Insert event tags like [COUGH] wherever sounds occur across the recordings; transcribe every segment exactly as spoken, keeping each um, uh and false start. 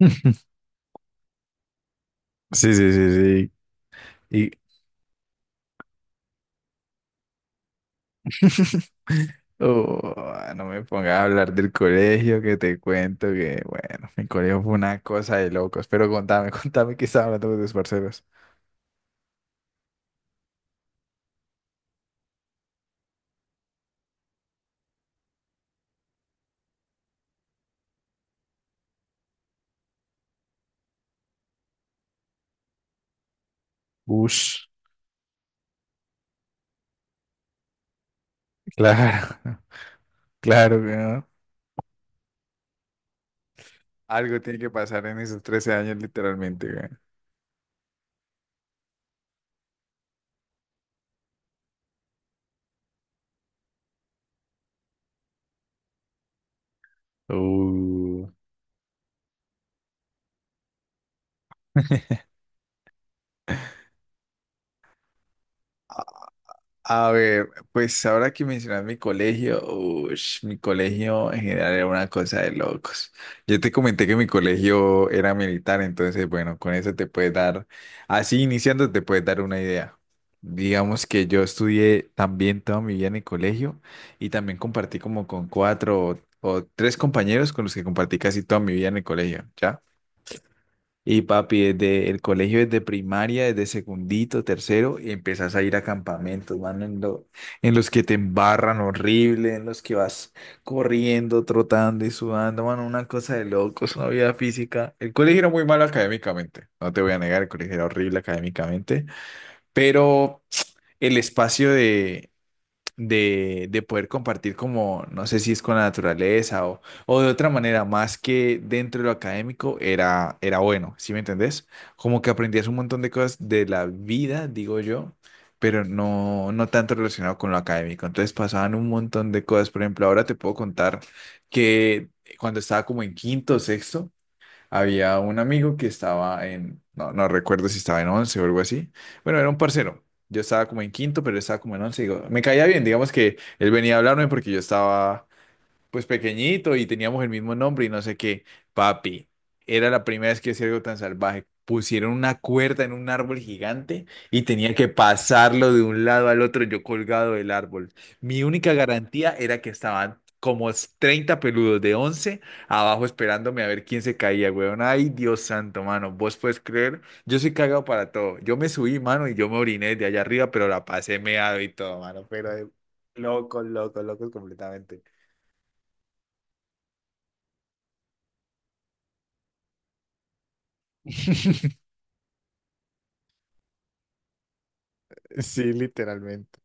[LAUGHS] Sí, sí, sí, sí. Y [LAUGHS] oh, no me pongas a hablar del colegio, que te cuento que, bueno, mi colegio fue una cosa de locos. Pero contame, [LAUGHS] contame qué estaba hablando con tus parceros. Ush, claro, [LAUGHS] claro que no. Algo tiene que pasar en esos trece años, literalmente, güey. Uh. [LAUGHS] A ver, pues ahora que mencionas mi colegio, ush, mi colegio en general era una cosa de locos. Yo te comenté que mi colegio era militar, entonces bueno, con eso te puedes dar, así iniciando te puedes dar una idea. Digamos que yo estudié también toda mi vida en el colegio y también compartí como con cuatro o, o tres compañeros con los que compartí casi toda mi vida en el colegio, ¿ya? Y papi, desde el colegio, desde primaria, desde secundito, tercero, y empiezas a ir a campamentos, mano, en, lo- en los que te embarran horrible, en los que vas corriendo, trotando y sudando, mano, una cosa de locos, una vida física. El colegio era muy malo académicamente, no te voy a negar, el colegio era horrible académicamente, pero el espacio de, de poder compartir como, no sé si es con la naturaleza o, o de otra manera, más que dentro de lo académico, era, era bueno, ¿sí me entendés? Como que aprendías un montón de cosas de la vida, digo yo, pero no, no tanto relacionado con lo académico. Entonces pasaban un montón de cosas. Por ejemplo, ahora te puedo contar que cuando estaba como en quinto o sexto, había un amigo que estaba en, no, no recuerdo si estaba en once o algo así. Bueno, era un parcero. Yo estaba como en quinto, pero él estaba como en once. Digo, me caía bien, digamos que él venía a hablarme porque yo estaba pues pequeñito y teníamos el mismo nombre y no sé qué. Papi, era la primera vez que hacía algo tan salvaje. Pusieron una cuerda en un árbol gigante y tenía que pasarlo de un lado al otro yo colgado del árbol. Mi única garantía era que estaban como treinta peludos de once abajo esperándome a ver quién se caía, weón. Ay, Dios santo, mano, vos puedes creer, yo soy cagado para todo. Yo me subí, mano, y yo me oriné de allá arriba, pero la pasé meado y todo, mano, pero de loco, loco, loco completamente. [LAUGHS] Sí, literalmente.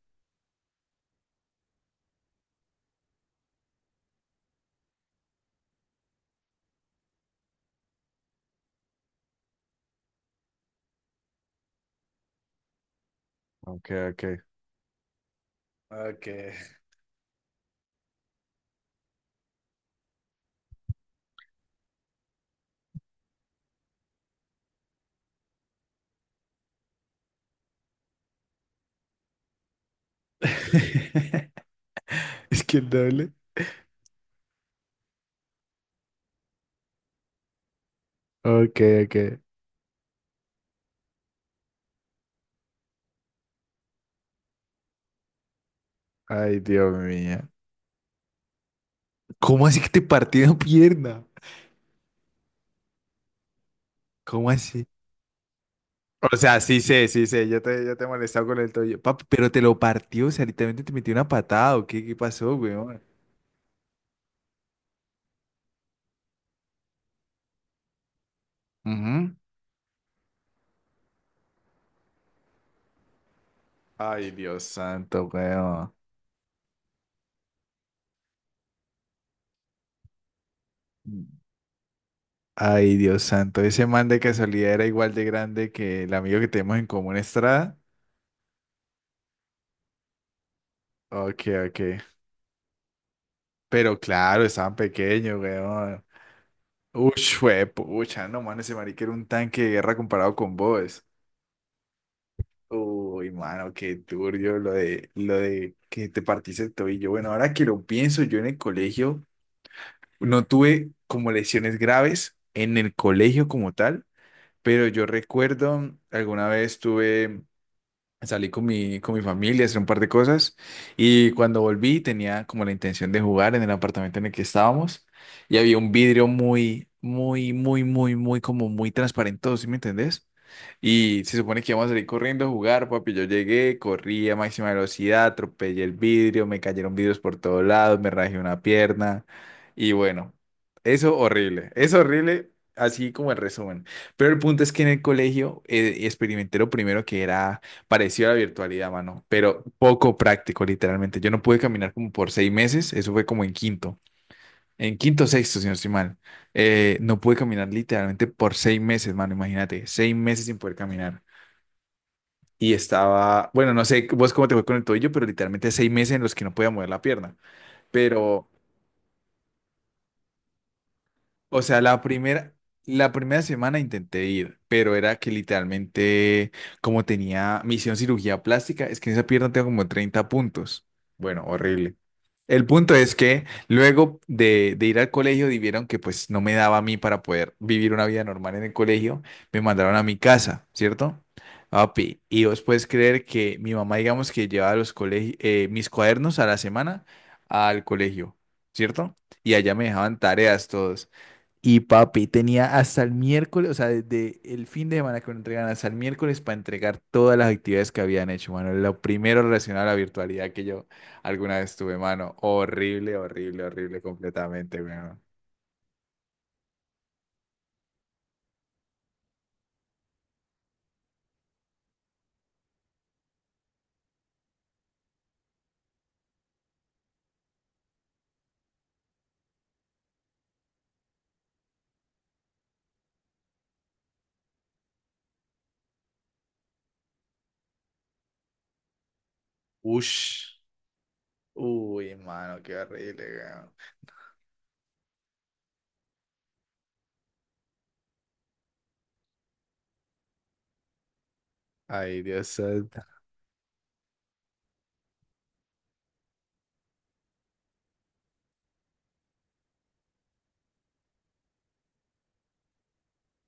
Ok, ok. Okay. [LAUGHS] Es que el doble. Ok, ok. Ay, Dios mío. ¿Cómo así que te partí una pierna? ¿Cómo así? O sea, sí sé, sí sé. Ya te, ya te he molestado con el tobillo. Papi, pero te lo partió. O sea, literalmente te metió una patada. ¿O qué, qué pasó, weón? Ujú. Ay, Dios santo, weón. Ay, Dios santo. Ese man de casualidad era igual de grande que el amigo que tenemos en común, Estrada. Ok, ok. Pero claro, estaban pequeños, weón. Ush, fue pucha, no, mano, ese marica era un tanque de guerra comparado con vos. Uy, mano, qué turbio lo de, lo de que te partiste el tobillo. Bueno, ahora que lo pienso, yo en el colegio no tuve como lesiones graves en el colegio como tal, pero yo recuerdo alguna vez tuve. Salí con mi, con mi familia, hice un par de cosas y cuando volví tenía como la intención de jugar en el apartamento en el que estábamos y había un vidrio muy, muy, muy, muy, muy, como muy transparente, ¿sí me entendés? Y se supone que íbamos a salir corriendo a jugar, papi. Yo llegué, corrí a máxima velocidad, atropellé el vidrio, me cayeron vidrios por todos lados, me rajé una pierna. Y bueno, eso horrible, es horrible, así como el resumen. Pero el punto es que en el colegio eh, experimenté lo primero que era Pareció la virtualidad, mano, pero poco práctico, literalmente. Yo no pude caminar como por seis meses, eso fue como en quinto, en quinto o sexto, si no estoy mal. Eh, no pude caminar literalmente por seis meses, mano, imagínate, seis meses sin poder caminar. Y estaba, bueno, no sé vos cómo te fue con el tobillo, pero literalmente seis meses en los que no podía mover la pierna. Pero O sea, la primera, la primera semana intenté ir, pero era que literalmente, como tenía, me hicieron cirugía plástica, es que en esa pierna tengo como treinta puntos. Bueno, horrible. El punto es que luego de, de ir al colegio, di- vieron que pues no me daba a mí para poder vivir una vida normal en el colegio, me mandaron a mi casa, ¿cierto? Papi, y vos puedes creer que mi mamá, digamos que llevaba los colegios, mis cuadernos a la semana al colegio, ¿cierto? Y allá me dejaban tareas todos. Y papi, tenía hasta el miércoles, o sea, desde el fin de semana que lo entregan hasta el miércoles para entregar todas las actividades que habían hecho, mano. Lo primero relacionado a la virtualidad que yo alguna vez tuve, mano. Horrible, horrible, horrible completamente, weón. Ush. Uy, mano, qué horrible, weón. Ay, Dios santo.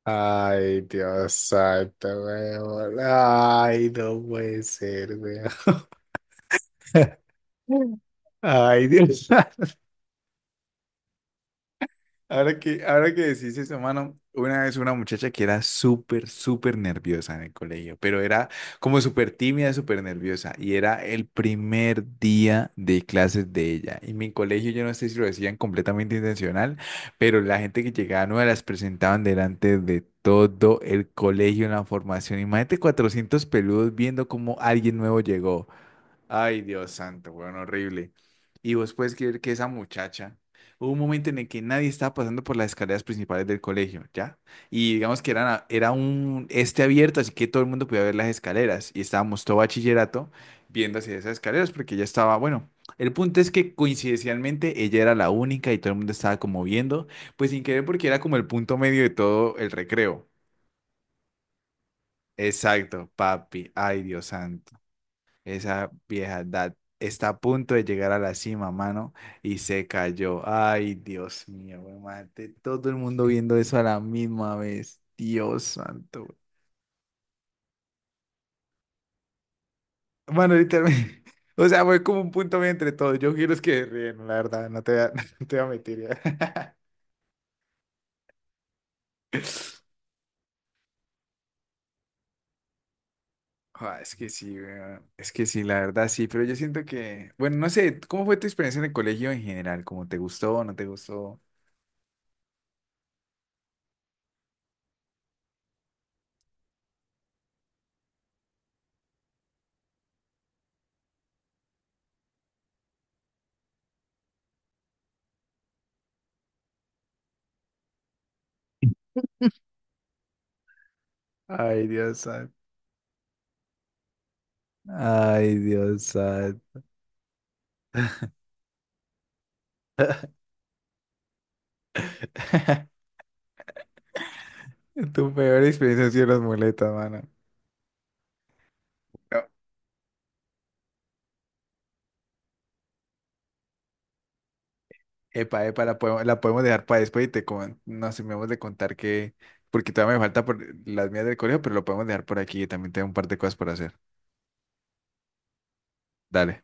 Ay, Dios santo, weón. Ay, no puede ser, weón. [LAUGHS] Ay, Dios. [LAUGHS] Ahora que, ahora que decís eso, mano, una vez una muchacha que era súper, súper nerviosa en el colegio, pero era como súper tímida, súper nerviosa, y era el primer día de clases de ella. En mi colegio, yo no sé si lo decían completamente intencional, pero la gente que llegaba nueva las presentaban delante de todo el colegio en la formación. Imagínate cuatrocientos peludos viendo cómo alguien nuevo llegó. Ay, Dios santo, weón, horrible. Y vos puedes creer que esa muchacha, hubo un momento en el que nadie estaba pasando por las escaleras principales del colegio, ¿ya? Y digamos que eran, a- era un este abierto, así que todo el mundo podía ver las escaleras. Y estábamos todo bachillerato viendo hacia esas escaleras porque ella estaba, bueno, el punto es que coincidencialmente ella era la única y todo el mundo estaba como viendo, pues sin querer porque era como el punto medio de todo el recreo. Exacto, papi. Ay, Dios santo. Esa vieja edad está a punto de llegar a la cima, mano, y se cayó. Ay, Dios mío, güey, mate. Todo el mundo viendo eso a la misma vez. Dios santo. Güey. Mano, literalmente. [LAUGHS] O sea, fue como un punto medio entre todos. Yo quiero es que ríen, la verdad, no te voy a, [LAUGHS] no te voy a mentir. Ya. [LAUGHS] Ah, es que sí, weón. Es que sí, la verdad sí, pero yo siento que, bueno, no sé, ¿cómo fue tu experiencia en el colegio en general? ¿Cómo te gustó o no te gustó? Ay, Dios santo. Ay, Dios santo. [LAUGHS] Tu peor experiencia ha sido las muletas, mano. No. Epa, epa, la podemos, la podemos dejar para después y te con- nos terminamos de contar que, porque todavía me falta por las mías del colegio, pero lo podemos dejar por aquí, también tengo un par de cosas por hacer. Dale.